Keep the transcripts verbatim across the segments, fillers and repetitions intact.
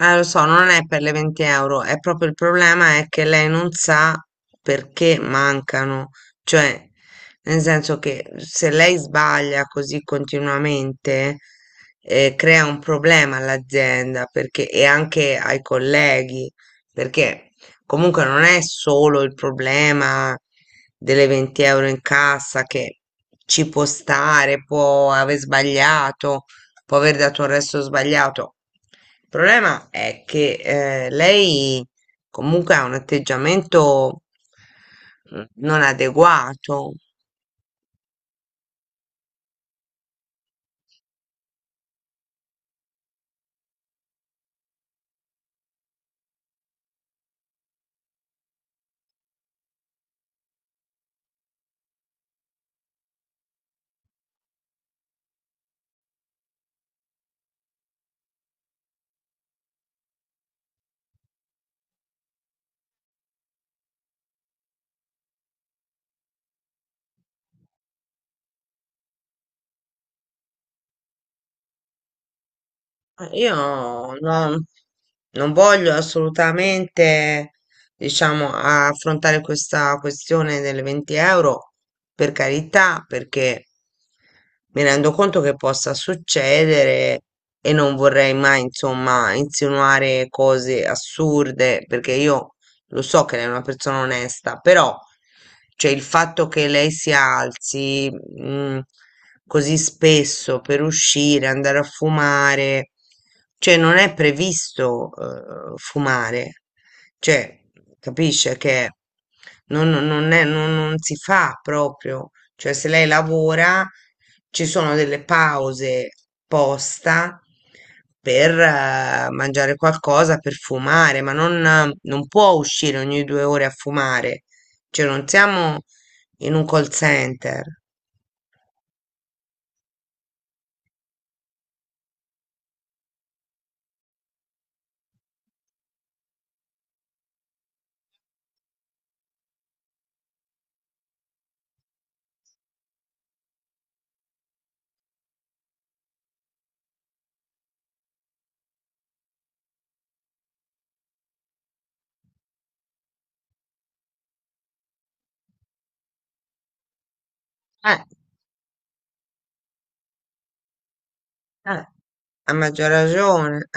Eh, lo so, non è per le venti euro, è proprio il problema è che lei non sa perché mancano, cioè, nel senso che se lei sbaglia così continuamente, eh, crea un problema all'azienda perché, e anche ai colleghi, perché comunque non è solo il problema delle venti euro in cassa che ci può stare, può aver sbagliato, può aver dato un resto sbagliato. Il problema è che eh, lei comunque ha un atteggiamento mm, non adeguato. Io non, non voglio assolutamente, diciamo, affrontare questa questione delle venti euro, per carità, perché mi rendo conto che possa succedere e non vorrei mai, insomma, insinuare cose assurde, perché io lo so che lei è una persona onesta, però cioè, il fatto che lei si alzi mm, così spesso per uscire, andare a fumare, cioè non è previsto eh, fumare, cioè capisce che non, non è, non, non si fa proprio. Cioè, se lei lavora, ci sono delle pause posta per eh, mangiare qualcosa, per fumare, ma non, eh, non può uscire ogni due ore a fumare. Cioè, non siamo in un call center. Eh, eh, a maggior ragione. Eh.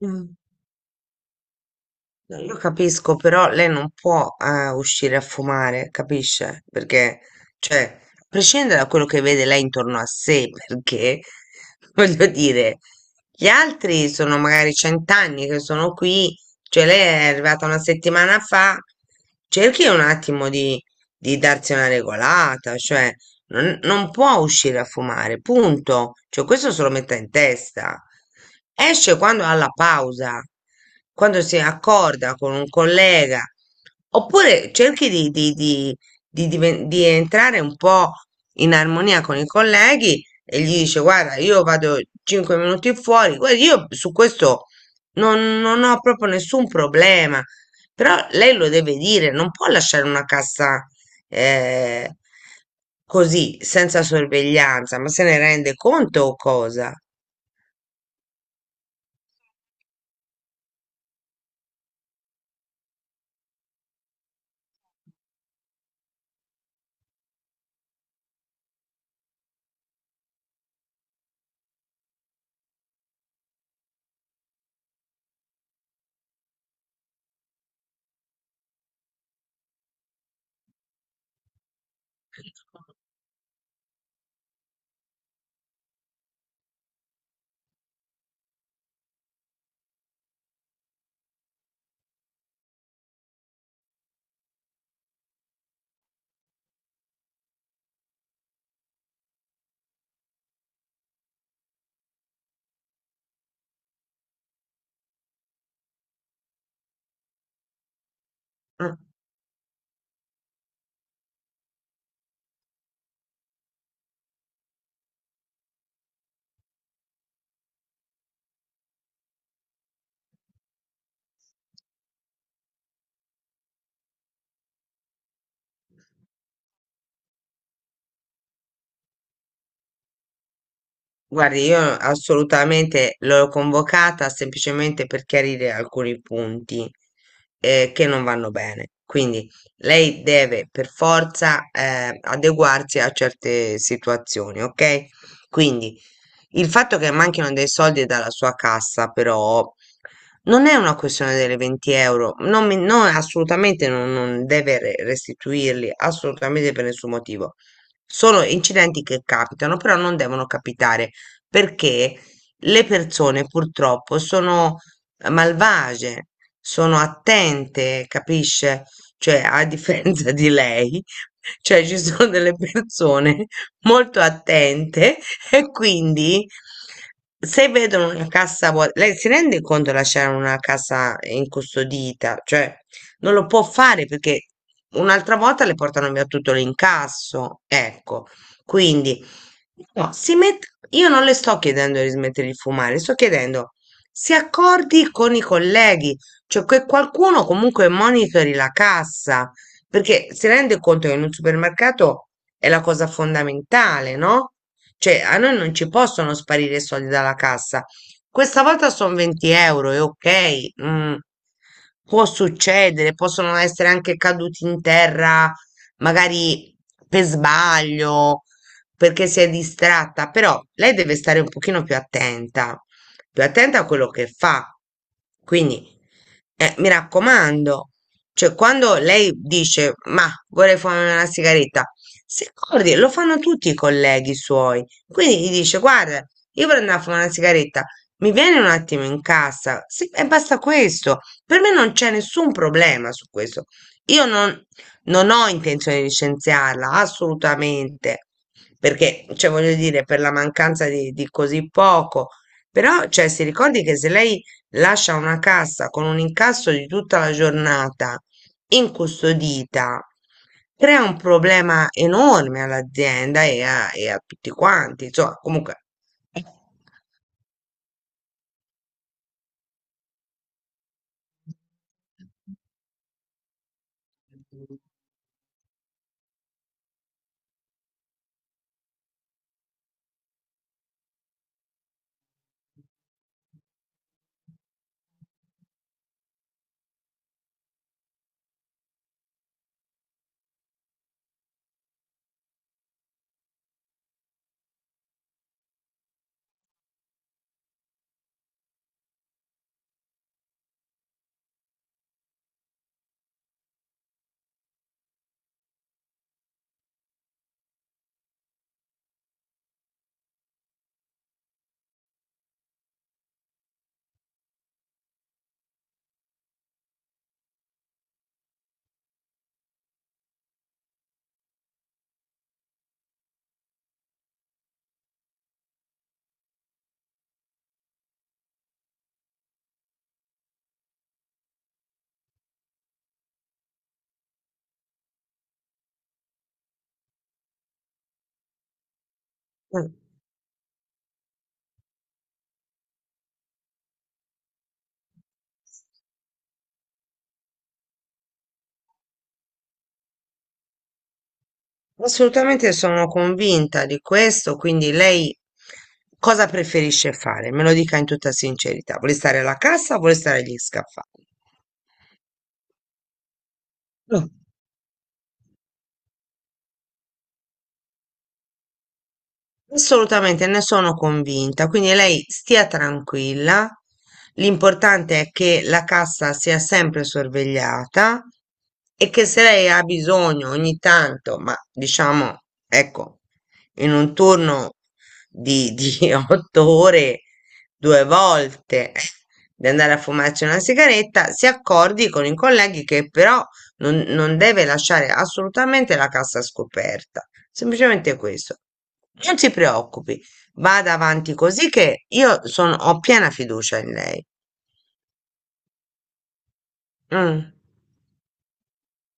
Mm. No, io capisco, però lei non può eh, uscire a fumare, capisce? Perché, cioè, a prescindere da quello che vede lei intorno a sé, perché, voglio dire, gli altri sono magari cent'anni che sono qui, cioè lei è arrivata una settimana fa, cerchi un attimo di, di darsi una regolata, cioè, non, non può uscire a fumare, punto. Cioè, questo se lo metta in testa. Esce quando ha la pausa, quando si accorda con un collega, oppure cerchi di, di- di- di diven- di entrare un po' in armonia con i colleghi e gli dice: Guarda, io vado cinque minuti fuori. Guarda, io su questo non non ho proprio nessun problema. Però lei lo deve dire, non può lasciare una cassa eh, così, senza sorveglianza, ma se ne rende conto o cosa? Mm, Guardi, io assolutamente l'ho convocata semplicemente per chiarire alcuni punti eh, che non vanno bene. Quindi lei deve per forza eh, adeguarsi a certe situazioni, ok? Quindi il fatto che manchino dei soldi dalla sua cassa, però, non è una questione delle venti euro, non mi- no, assolutamente non, non deve re- restituirli, assolutamente per nessun motivo. Sono incidenti che capitano, però non devono capitare perché le persone purtroppo sono eh, malvagie, sono attente, capisce? Cioè, a differenza di lei, cioè ci sono delle persone molto attente. E quindi se vedono una cassa vuota, lei si rende conto di lasciare una cassa incustodita, cioè non lo può fare perché un'altra volta le portano via tutto l'incasso, ecco. Quindi no, si met- io non le sto chiedendo di smettere di fumare, sto chiedendo si accordi con i colleghi, cioè che qualcuno comunque monitori la cassa, perché si rende conto che in un supermercato è la cosa fondamentale, no? Cioè, a noi non ci possono sparire i soldi dalla cassa. Questa volta sono venti euro, è ok. mm, può succedere, possono essere anche caduti in terra, magari per sbaglio, perché si è distratta, però lei deve stare un pochino più attenta, più attenta a quello che fa. Quindi, eh, mi raccomando, cioè quando lei dice, ma vorrei fumare una sigaretta, si accordi, lo fanno tutti i colleghi suoi. Quindi gli dice: Guarda, io per andare a fumare una sigaretta mi vieni un attimo in cassa. Sì, e basta questo. Per me non c'è nessun problema su questo. Io non, non ho intenzione di licenziarla assolutamente perché, cioè, voglio dire, per la mancanza di, di così poco. Però, cioè, si ricordi che se lei lascia una cassa con un incasso di tutta la giornata incustodita crea un problema enorme all'azienda e a, e a tutti quanti. Insomma, comunque, Eh, assolutamente sono convinta di questo. Quindi lei cosa preferisce fare? Me lo dica in tutta sincerità. Vuole stare alla cassa o vuole stare agli scaffali? Assolutamente, ne sono convinta. Quindi lei stia tranquilla. L'importante è che la cassa sia sempre sorvegliata e che se lei ha bisogno ogni tanto, ma diciamo, ecco, in un turno di, di otto ore, due volte di andare a fumarci una sigaretta, si accordi con i colleghi che però non non deve lasciare assolutamente la cassa scoperta. Semplicemente questo. Non si preoccupi, vada avanti così che io sono- ho piena fiducia in lei. Mm.